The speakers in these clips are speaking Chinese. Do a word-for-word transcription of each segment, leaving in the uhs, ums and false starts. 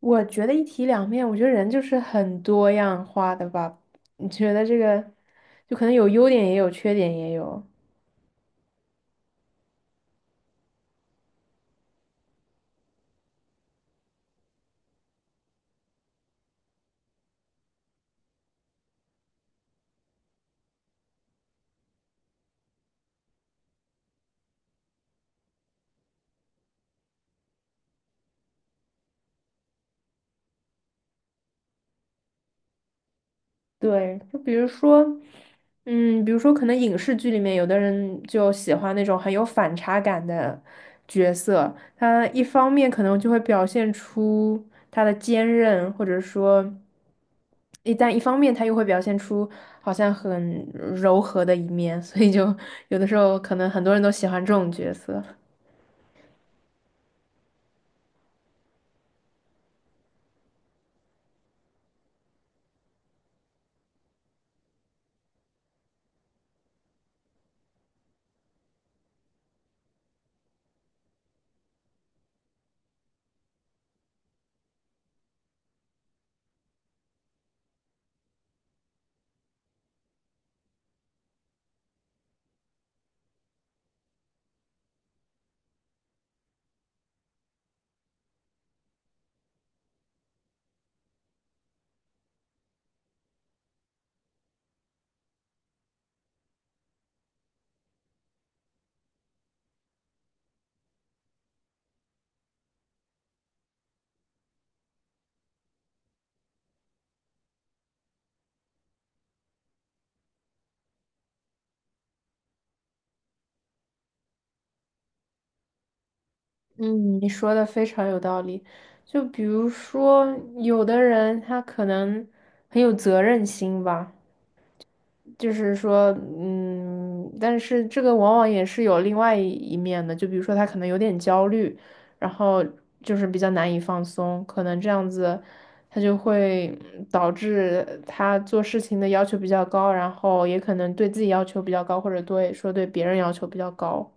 我觉得一体两面，我觉得人就是很多样化的吧。你觉得这个，就可能有优点也有缺点也有。对，就比如说，嗯，比如说可能影视剧里面有的人就喜欢那种很有反差感的角色。他一方面可能就会表现出他的坚韧，或者说，一旦一方面他又会表现出好像很柔和的一面，所以就 有的时候可能很多人都喜欢这种角色。嗯，你说的非常有道理。就比如说，有的人他可能很有责任心吧。就是说，嗯，但是这个往往也是有另外一一面的，就比如说他可能有点焦虑，然后就是比较难以放松，可能这样子，他就会嗯导致他做事情的要求比较高，然后也可能对自己要求比较高，或者对说对别人要求比较高，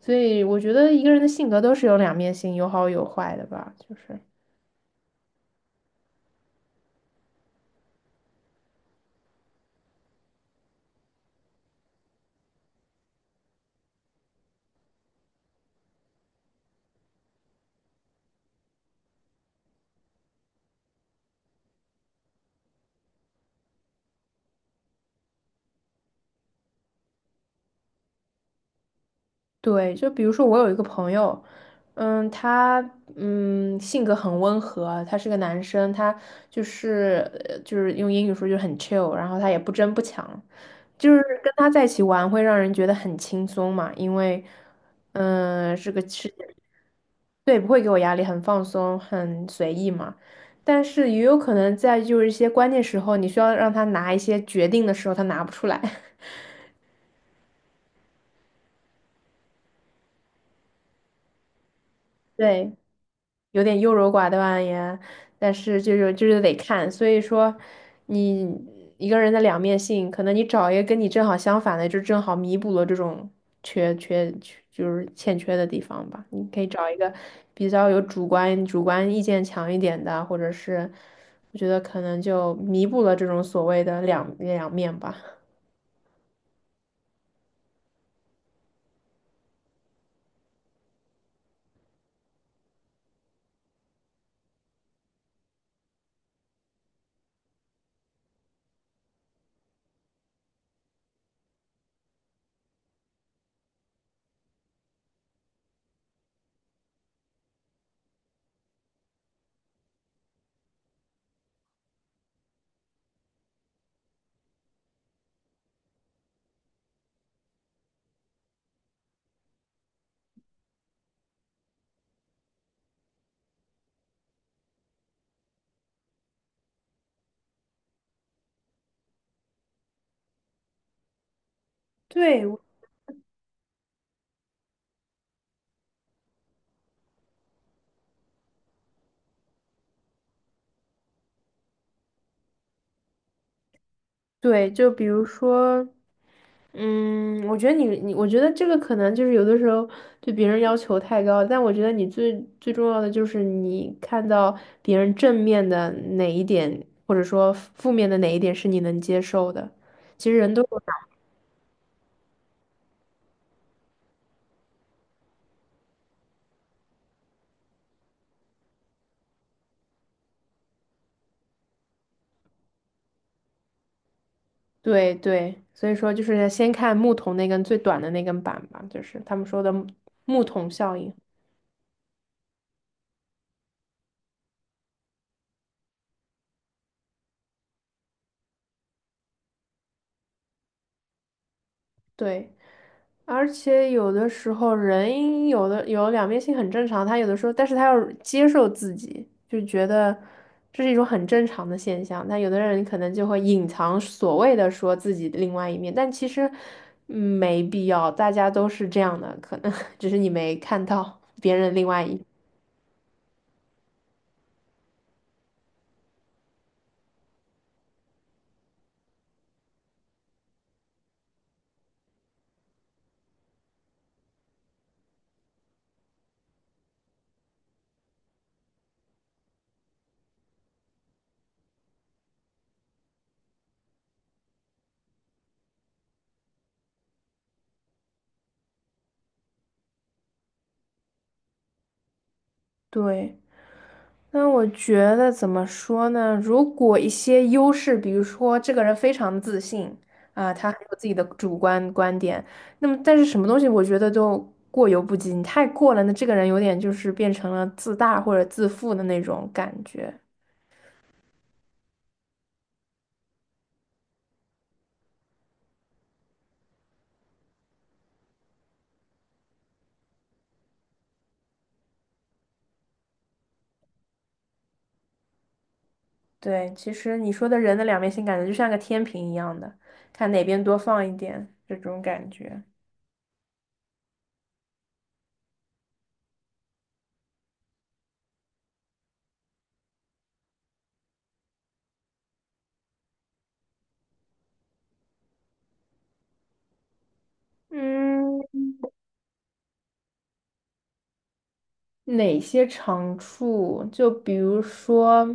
所以我觉得一个人的性格都是有两面性，有好有坏的吧，就是。对，就比如说我有一个朋友，嗯，他嗯性格很温和，他是个男生，他就是呃就是用英语说就是很 chill,然后他也不争不抢，就是跟他在一起玩会让人觉得很轻松嘛，因为嗯是个是对，不会给我压力，很放松，很随意嘛。但是也有可能在就是一些关键时候，你需要让他拿一些决定的时候，他拿不出来。对。有点优柔寡断呀，但是就是就是得看，所以说你一个人的两面性，可能你找一个跟你正好相反的，就正好弥补了这种缺缺缺就是欠缺的地方吧。你可以找一个比较有主观主观意见强一点的，或者是我觉得可能就弥补了这种所谓的两两面吧。对，对，就比如说。嗯，我觉得你你，我觉得这个可能就是有的时候对别人要求太高，但我觉得你最最重要的就是你看到别人正面的哪一点，或者说负面的哪一点是你能接受的。其实人都有，对对，所以说就是先看木桶那根最短的那根板吧，就是他们说的木木桶效应。对。而且有的时候人有的有两面性很正常，他有的时候，但是他要接受自己，就觉得这是一种很正常的现象。但有的人可能就会隐藏所谓的说自己的另外一面，但其实嗯没必要，大家都是这样的，可能 只是你没看到别人另外一。对。那我觉得怎么说呢？如果一些优势，比如说这个人非常自信啊，他很有自己的主观观点，那么但是什么东西，我觉得都过犹不及。你太过了，那这个人有点就是变成了自大或者自负的那种感觉。对，其实你说的人的两面性，感觉就像个天平一样的，看哪边多放一点这种感觉。嗯，哪些长处？就比如说，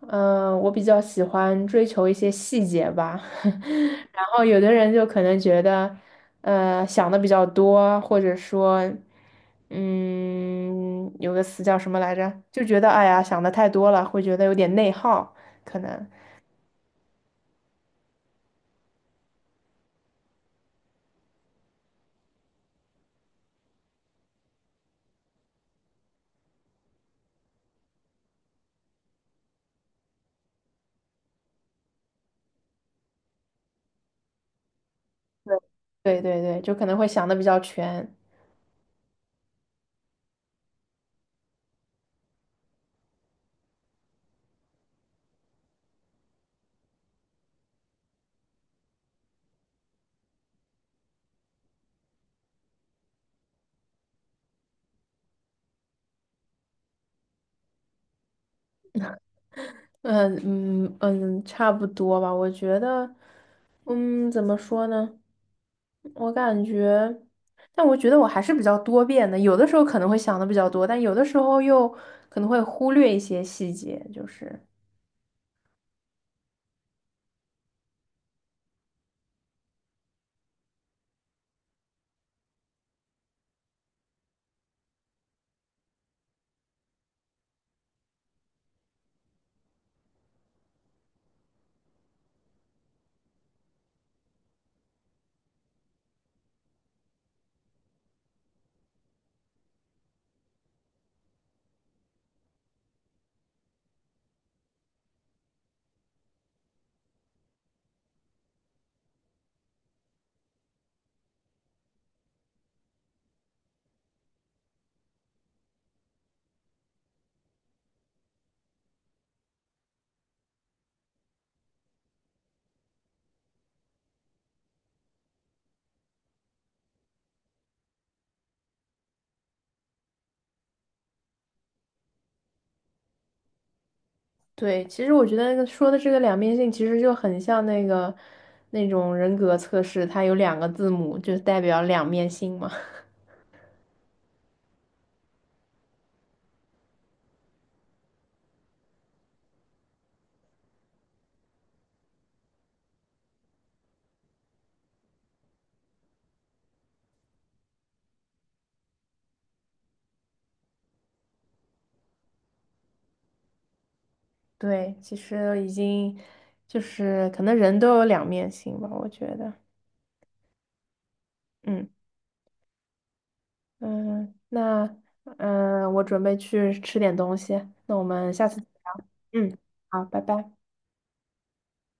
嗯、我比较喜欢追求一些细节吧。然后有的人就可能觉得，呃，想的比较多，或者说，嗯，有个词叫什么来着？就觉得哎呀，想的太多了，会觉得有点内耗，可能。对对对对就可能会想的比较全。嗯嗯嗯，差不多吧。我觉得，嗯，怎么说呢？我感觉，但我觉得我还是比较多变的，有的时候可能会想的比较多，但有的时候又可能会忽略一些细节，就是对。其实我觉得说的这个两面性，其实就很像那个那种人格测试，它有两个字母，就代表两面性嘛。对，其实已经就是可能人都有两面性吧，我觉得。嗯。嗯，那嗯，我准备去吃点东西，那我们下次，嗯，好，拜拜。